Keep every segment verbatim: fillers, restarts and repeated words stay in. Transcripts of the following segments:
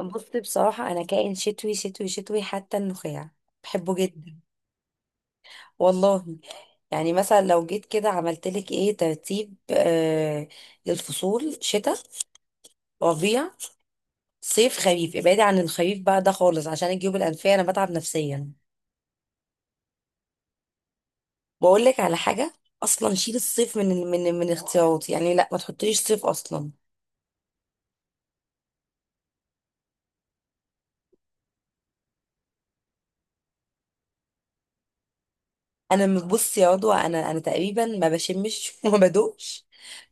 بص، بصراحة أنا كائن شتوي شتوي شتوي حتى النخاع. بحبه جدا، والله. يعني مثلا لو جيت كده عملت لك إيه ترتيب آه للفصول: شتاء، ربيع، صيف، خريف. ابعدي عن الخريف بقى ده خالص، عشان الجيوب الأنفية أنا بتعب نفسيا. بقول لك على حاجة، أصلا شيل الصيف من من من اختياراتي، يعني لا، ما تحطليش صيف أصلا. انا م- بص يا عضوة، انا انا تقريبا ما بشمش وما بدوقش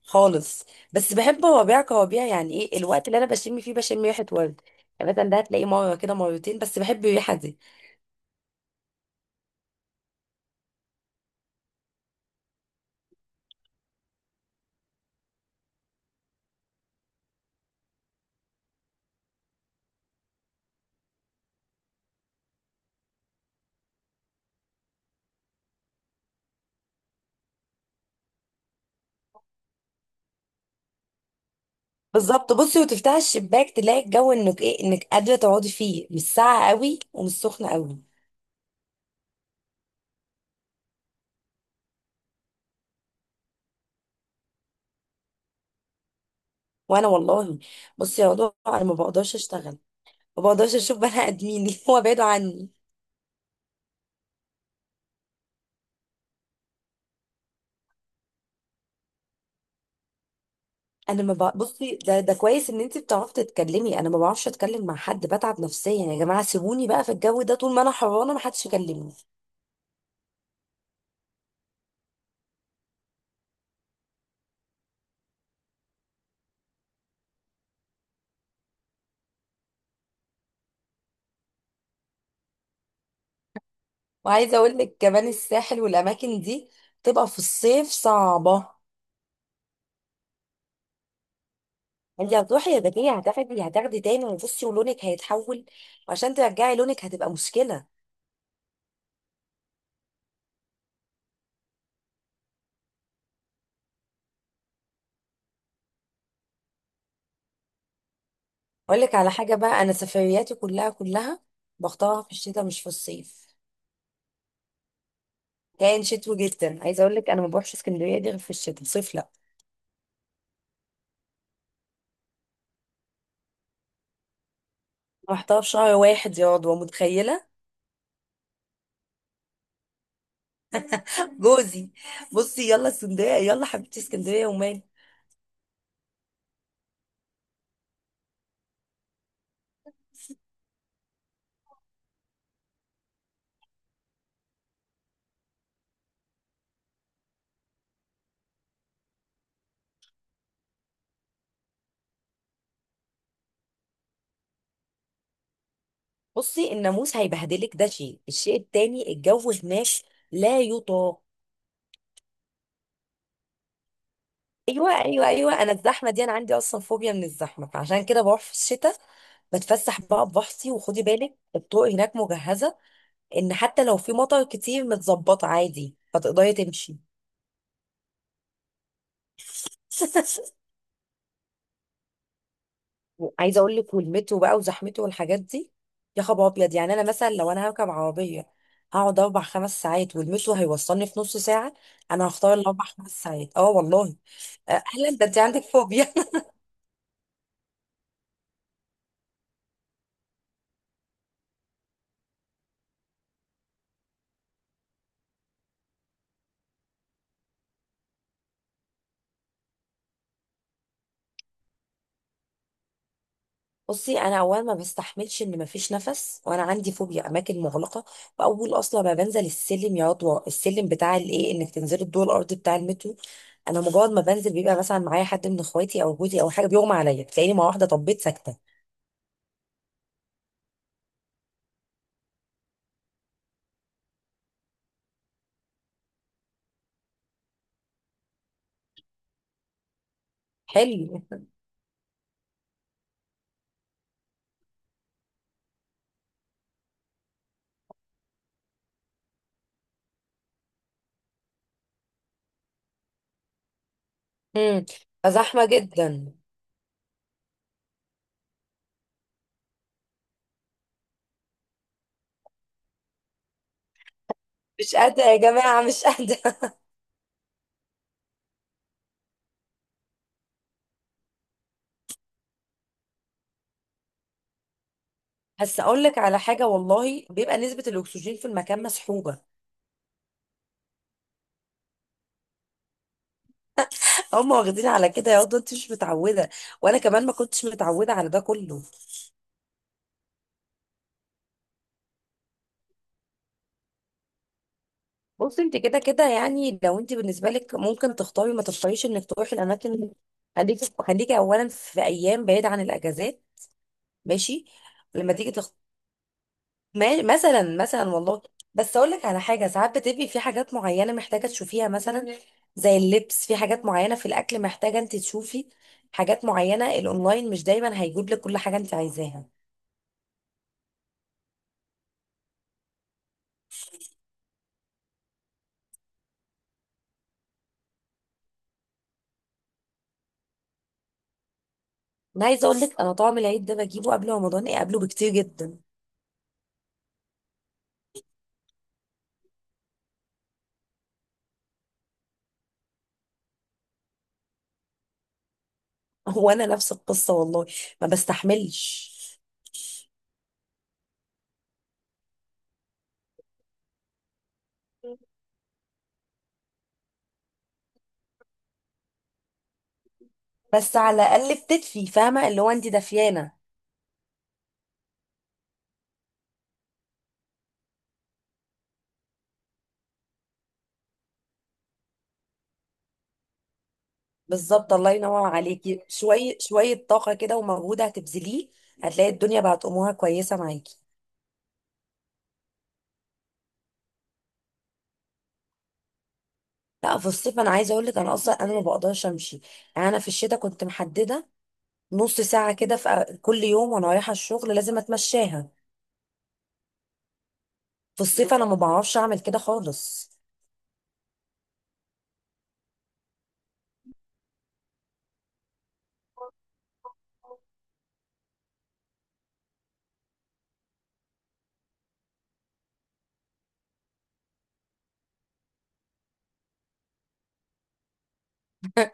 خالص. بس بحب وبيع كوابيع، يعني ايه الوقت اللي انا بشم فيه، بشم ريحه ورد. يعني مثلا ده هتلاقيه مره كده، مرتين بس، بحب الريحه دي. بالظبط. بصي وتفتح الشباك تلاقي الجو انك ايه، انك قادره تقعدي فيه، مش ساقعه قوي ومش سخنه قوي. وانا والله. بصي يا عضوة، انا ما بقدرش اشتغل، ما بقدرش اشوف بني ادمين هو بعيد عني. انا ما بع... بصي، ده ده كويس ان انت بتعرفي تتكلمي، انا ما بعرفش اتكلم مع حد، بتعب نفسيا. يا جماعه، سيبوني بقى في الجو ده، طول ما انا حرانه ما حدش يكلمني. وعايزه اقول لك كمان، الساحل والاماكن دي تبقى في الصيف صعبه. انت هتروحي يا بديه هتاخدي هتاخدي تاني، وبصي ولونك هيتحول، وعشان ترجعي لونك هتبقى مشكله. اقول لك على حاجه بقى، انا سفرياتي كلها كلها بختارها في الشتاء، مش في الصيف. كان شتوي جدا. عايزه اقول لك انا ما بروحش اسكندريه دي غير في الشتاء، صيف لا. رحتها في شهر واحد يا رضوى، متخيله؟ جوزي، بصي يلا اسكندريه، يلا حبيبتي، اسكندريه ومال. بصي، الناموس هيبهدلك، ده شيء. الشيء التاني، الجو هناك لا يطاق. ايوه، ايوه، ايوه، انا الزحمه دي انا عندي اصلا فوبيا من الزحمه، فعشان كده بروح في الشتاء، بتفسح بقى ببحثي. وخدي بالك الطرق هناك مجهزه، ان حتى لو في مطر كتير متظبطه عادي فتقدري تمشي. عايزه اقول لك، ولمته بقى وزحمته والحاجات دي، يا خبر ابيض! يعني انا مثلا لو انا هركب عربيه هقعد اربع خمس ساعات، ولمته هيوصلني في نص ساعه، انا هختار الاربع خمس ساعات، اه والله. آه، اهلا، ده انت عندك فوبيا. بصي، انا اولا ما بستحملش ان مفيش نفس، وانا عندي فوبيا اماكن مغلقه. واول اصلا ما بنزل السلم، يا عضوة السلم بتاع الايه، انك تنزلي الدور الارضي بتاع المترو، انا مجرد ما بنزل بيبقى مثلا معايا حد من اخواتي او جوزي او حاجه، بيغمى عليا، تلاقيني مره واحده طبيت ساكته. حلو. امم فزحمة جدا. مش قادرة يا جماعة، مش قادرة. بس اقول لك على حاجة، والله بيبقى نسبة الاكسجين في المكان مسحوبة. هم واخدين على كده، يا واد انت مش متعودة، وانا كمان ما كنتش متعودة على ده كله. بصي، انت كده كده، يعني لو انت بالنسبة لك ممكن تختاري ما تختاريش انك تروحي الاماكن، خليكي خليكي اولا في ايام بعيدة عن الاجازات، ماشي. لما تيجي، ما- مثلا مثلا والله، بس اقول لك على حاجه، ساعات بتبقي في حاجات معينه محتاجه تشوفيها، مثلا زي اللبس في حاجات معينه، في الاكل محتاجه انت تشوفي حاجات معينه، الاونلاين مش دايما هيجيب لك كل حاجه انت عايزاها. انا عايزه اقول لك، انا طعم العيد ده بجيبه قبل رمضان، ايه قبله بكتير جدا. هو انا نفس القصه، والله ما بستحملش. بس على الاقل بتدفي، فاهمه، اللي هو انت دافيانه. بالظبط، الله ينور عليكي. شويه شويه طاقه كده ومجهود هتبذليه، هتلاقي الدنيا بقت امورها كويسه معاكي. لا، في الصيف انا عايزه اقول لك، انا اصلا انا ما بقدرش امشي. يعني انا في الشتاء كنت محدده نص ساعه كده في كل يوم، وانا رايحه الشغل لازم اتمشاها. في الصيف انا ما بعرفش اعمل كده خالص.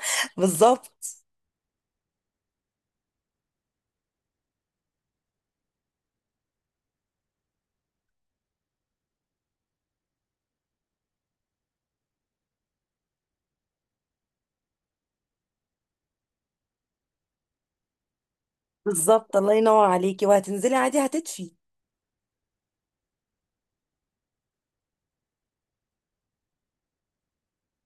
بالظبط، بالظبط، الله ينور عليكي. وهتنزلي عادي هتدفي.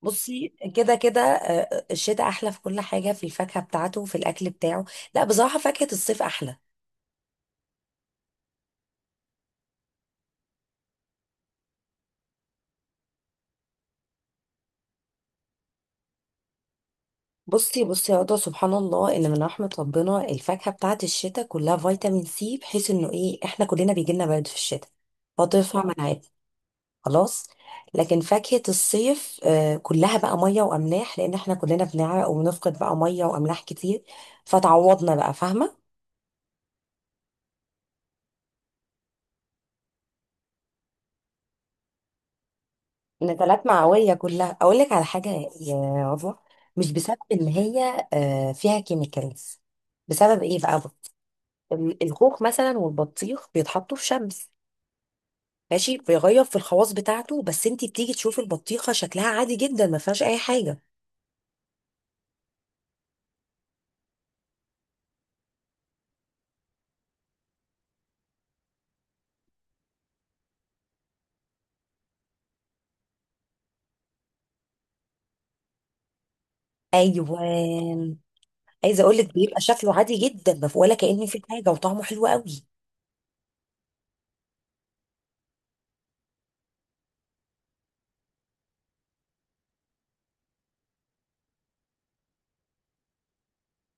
بصي، كده كده آه، الشتاء احلى في كل حاجه، في الفاكهه بتاعته وفي الاكل بتاعه. لا بصراحه، فاكهه الصيف احلى. بصي بصي يا هدى، سبحان الله، ان من رحمة ربنا الفاكهة بتاعت الشتاء كلها فيتامين سي، بحيث انه ايه احنا كلنا بيجيلنا برد في الشتاء فطرفها مناعات، خلاص. لكن فاكهة الصيف آه كلها بقى مية واملاح، لان احنا كلنا بنعرق وبنفقد بقى مية واملاح كتير، فتعوضنا بقى، فاهمة. نزلات معوية كلها. اقول لك على حاجة يا عضوة، مش بسبب ان هي آه فيها كيميكالز، بسبب ايه بقى؟ الخوخ مثلا والبطيخ بيتحطوا في شمس، ماشي، بيغير في الخواص بتاعته، بس انت بتيجي تشوفي البطيخه شكلها عادي جدا ما فيهاش اي حاجه. ايوان، عايزه اقول لك بيبقى شكله عادي جدا، ما في- ولا كأن في حاجه، وطعمه حلو قوي.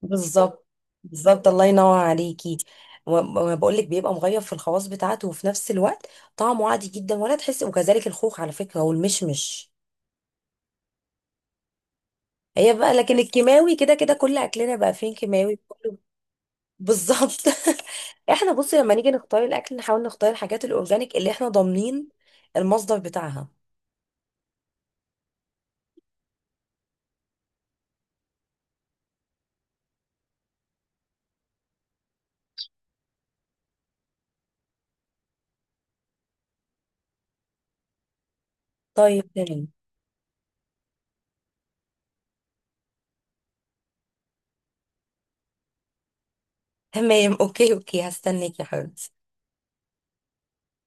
بالظبط، بالظبط، الله ينور عليكي. بقول لك بيبقى مغير في الخواص بتاعته، وفي نفس الوقت طعمه عادي جدا ولا تحس، وكذلك الخوخ على فكره، والمشمش هي بقى. لكن الكيماوي كده كده، كل اكلنا بقى فين كيماوي. بالظبط. احنا بصي، لما نيجي نختار الاكل نحاول نختار الحاجات الاورجانيك اللي احنا ضامنين المصدر بتاعها. طيب، تمام، تمام. اوكي، اوكي، هستناك يا حبيبتي.